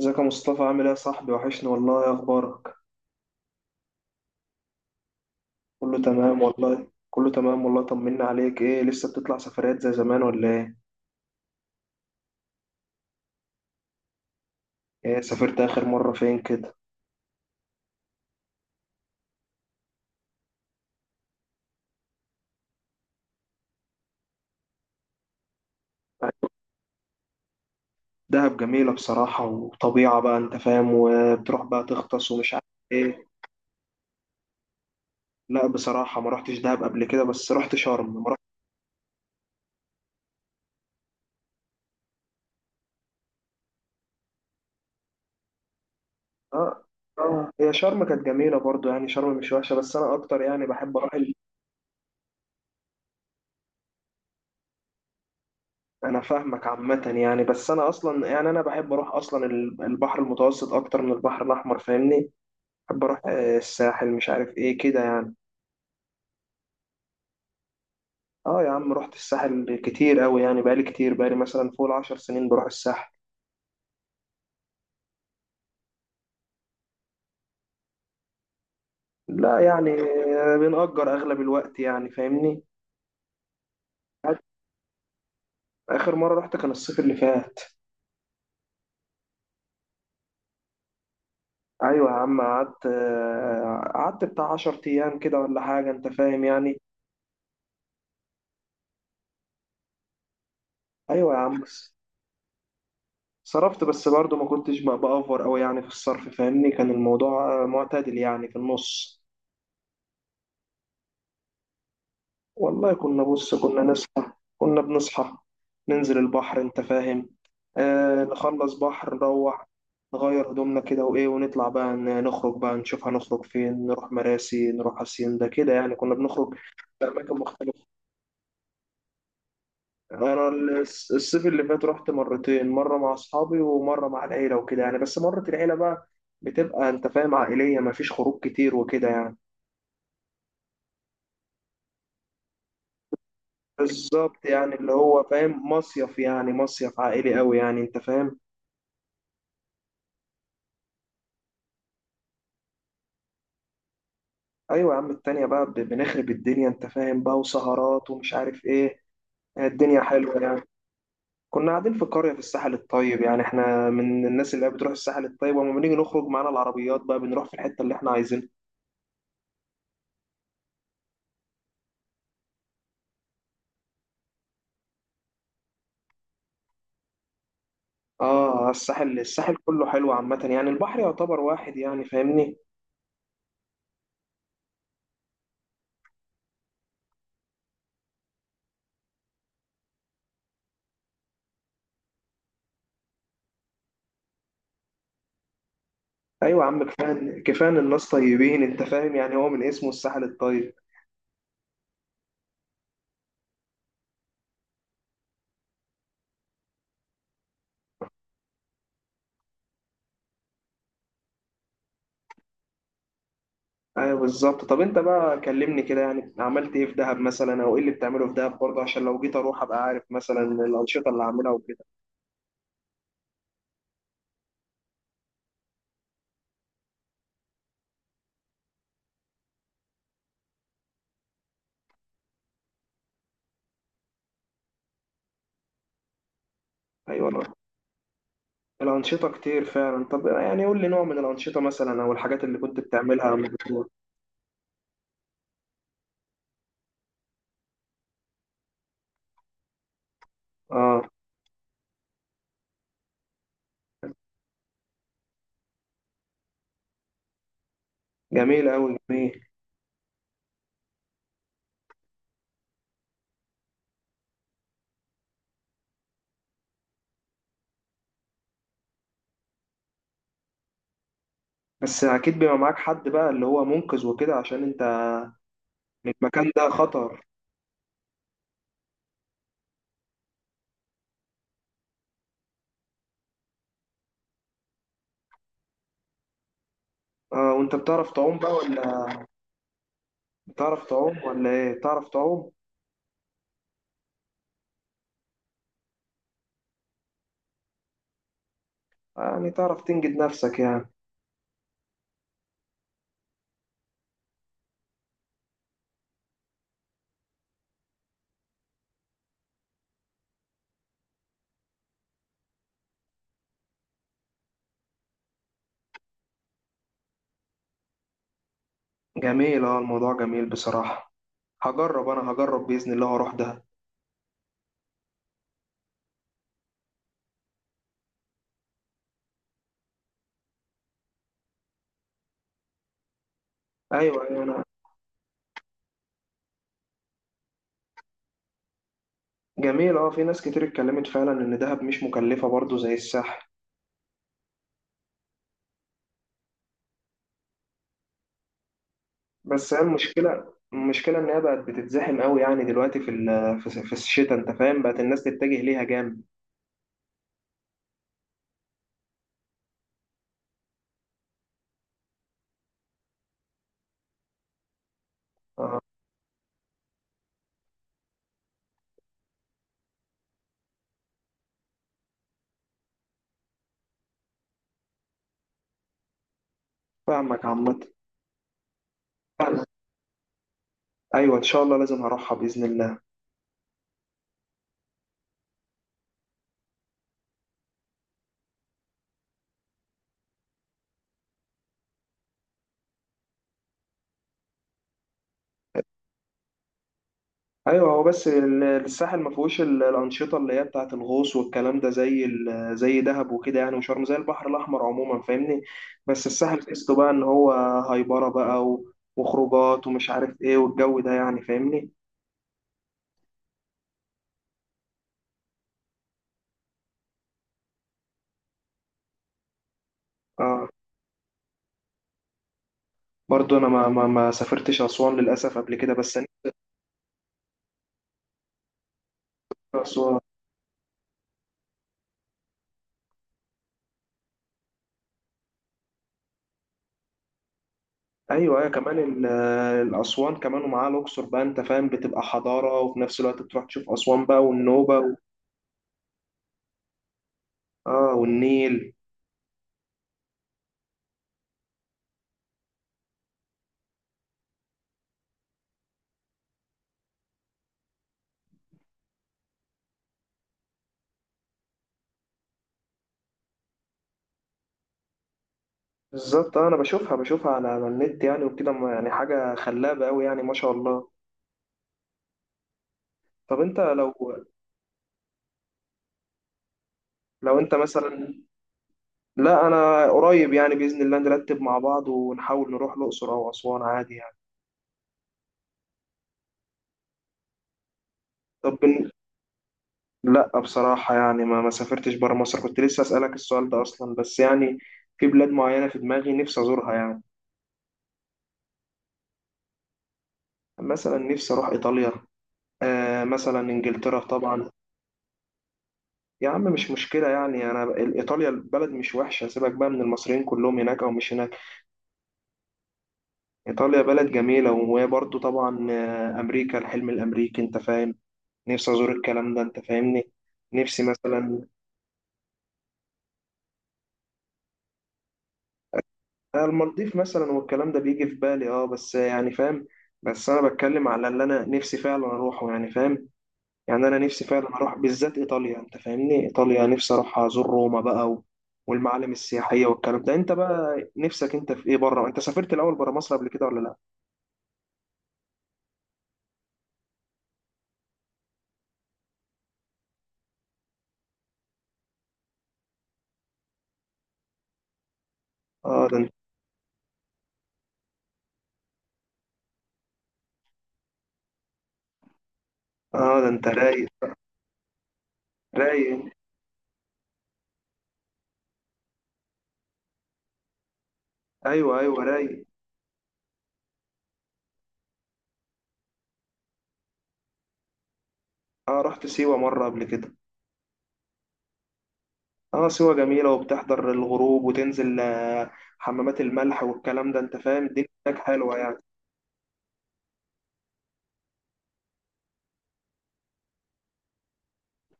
ازيك يا مصطفى؟ عامل ايه يا صاحبي؟ وحشني والله، يا اخبارك؟ كله تمام والله، كله تمام والله. طمنا عليك، ايه لسه بتطلع سفريات زي زمان ولا ايه؟ ايه سافرت اخر مرة فين كده؟ دهب جميلة بصراحة وطبيعة، بقى انت فاهم، وبتروح بقى تغطس ومش عارف ايه. لا بصراحة ما رحتش دهب قبل كده، بس رحت شرم، ما رحت. اه. آه. هي شرم كانت جميلة برضو، يعني شرم مش وحشة، بس أنا أكتر يعني بحب أروح أنا فاهمك عامة يعني، بس أنا أصلا يعني أنا بحب أروح أصلا البحر المتوسط أكتر من البحر الأحمر، فاهمني؟ بحب اروح، آه، الساحل، مش عارف ايه كده يعني. اه يا عم، رحت الساحل كتير قوي يعني، بقالي كتير، بقالي مثلا فوق العشر سنين بروح الساحل. لا يعني، آه، بنأجر اغلب الوقت يعني، فاهمني؟ قعدت- اخر مرة رحت كان الصيف اللي فات. ايوه يا عم قعدت، آه، قعدت بتاع عشر ايام كده ولا حاجة، انت فاهم يعني. ايوه يا عم بس. صرفت، بس برضه ما كنتش بقى بأفور قوي يعني في الصرف، فاهمني؟ كان الموضوع آه، معتدل يعني في النص. والله كنا، بص، كنا ناس كنا بنصحى، ننزل البحر، انت فاهم. آه، نخلص بحر، نروح نغير هدومنا كده وايه، ونطلع بقى نخرج بقى، نشوف هنخرج فين، نروح مراسي، نروح هاسيندا كده يعني، كنا بنخرج في اماكن مختلفه. انا الصيف اللي فات رحت مرتين، مره مع اصحابي ومره مع العيله وكده يعني، بس مره العيله بقى بتبقى انت فاهم عائليه، مفيش خروج كتير وكده يعني. بالظبط، يعني اللي هو فاهم مصيف، يعني مصيف عائلي قوي يعني، انت فاهم. ايوه يا عم، التانية بقى بنخرب الدنيا، انت فاهم بقى، وسهرات ومش عارف ايه. آه، الدنيا حلوة يعني. كنا قاعدين في قرية في الساحل الطيب، يعني احنا من الناس اللي هي بتروح الساحل الطيب، ولما بنيجي نخرج معانا العربيات بقى بنروح في الحتة اللي احنا عايزينها. اه، آه، الساحل، الساحل كله حلو عامة يعني، البحر يعتبر واحد يعني، فاهمني؟ ايوه يا عم، كفاية كفاية ان الناس طيبين، انت فاهم يعني، هو من اسمه الساحل الطيب. ايوه بالظبط. طب انت بقى كلمني كده، يعني عملت ايه في دهب مثلا، او ايه اللي بتعمله في دهب برضه، عشان لو جيت اروح ابقى عارف مثلا الانشطة اللي هعملها وكده. ايوه. الانشطه كتير فعلا، طب يعني قول لي نوع من الانشطه مثلا، او الحاجات اللي كنت بتعملها لما بتروح. اه. جميل قوي، جميل. بس اكيد بيبقى معاك حد بقى اللي هو منقذ وكده، عشان انت. يعني المكان ده خطر. اه، وانت بتعرف تعوم بقى ولا؟ بتعرف تعوم ولا ايه؟ بتعرف تعوم؟ يعني تعرف تنجد نفسك يعني. جميل، اه الموضوع جميل بصراحه. هجرب، انا هجرب باذن الله واروح دهب. ايوه ايوه انا. جميل، اه في ناس كتير اتكلمت فعلا ان دهب مش مكلفه برضو زي الساحل. بس هي المشكله، المشكله ان هي بقت بتتزحم قوي يعني دلوقتي في في الشتاء، انت فاهم، بقت الناس تتجه ليها جامد. فاهمك عامه. فاهمك. ايوه ان شاء الله لازم هروحها باذن الله. ايوه، هو بس الساحل ما فيهوش الانشطه اللي هي بتاعه الغوص والكلام ده، زي زي دهب وكده يعني، وشرم زي البحر الاحمر عموما، فاهمني؟ بس الساحل تحسه بقى ان هو هايبره بقى وخروجات ومش عارف ايه، والجو ده يعني، فاهمني؟ اه برضه انا ما سافرتش اسوان للاسف قبل كده، بس أنا نفسي أروح اسوان. ايوه ايوه، كمان الاسوان كمان ومعاها الاقصر بقى، انت فاهم، بتبقى حضاره، وفي نفس الوقت بتروح تشوف اسوان بقى والنوبه اه والنيل. بالظبط، آه، انا بشوفها على النت يعني وكده يعني حاجه خلابه قوي يعني، ما شاء الله. طب انت لو، لو انت مثلا. لا انا قريب يعني، باذن الله نرتب مع بعض ونحاول نروح الاقصر او اسوان عادي يعني. طب بن... لا بصراحه يعني ما سافرتش بره مصر، كنت لسه اسالك السؤال ده اصلا، بس يعني في بلاد معينه في دماغي نفسي ازورها يعني. مثلا نفسي اروح ايطاليا، آه، مثلا انجلترا طبعا. يا عم مش مشكله يعني، انا ايطاليا البلد مش وحشه، سيبك بقى من المصريين كلهم هناك او مش هناك. ايطاليا بلد جميله، وهي برضو طبعا، آه، امريكا الحلم الامريكي، انت فاهم. نفسي ازور الكلام ده، انت فاهمني. نفسي مثلا، آه، المالديف مثلا والكلام ده بيجي في بالي اه، بس يعني فاهم. بس انا بتكلم على اللي انا نفسي فعلا اروحه يعني، فاهم؟ يعني انا نفسي فعلا اروح بالذات ايطاليا، انت فاهمني، ايطاليا نفسي اروح ازور روما بقى والمعالم السياحيه والكلام ده. انت بقى نفسك انت في ايه بره؟ انت سافرت الاول بره مصر قبل كده ولا لا؟ اه ده انت. اه ده انت رايق. رايق انت. ايوه ايوه رايق. اه رحت سيوه مره قبل كده. اه سيوه جميله، وبتحضر الغروب وتنزل، آه، حمامات الملح والكلام ده، انت فاهم، الدنيا هناك حلوه يعني.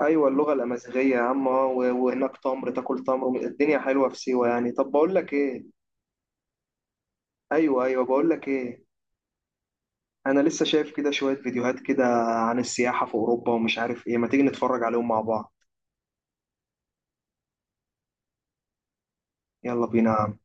ايوه اللغه الامازيغيه يا عم، اه وهناك تمر، تاكل تمر، الدنيا حلوه في سيوه يعني. طب بقول لك ايه. ايوه ايوه بقول لك ايه. انا لسه شايف كده شوية فيديوهات كده عن السياحة في اوروبا ومش عارف ايه، ما تيجي نتفرج عليهم مع بعض. يلا بينا.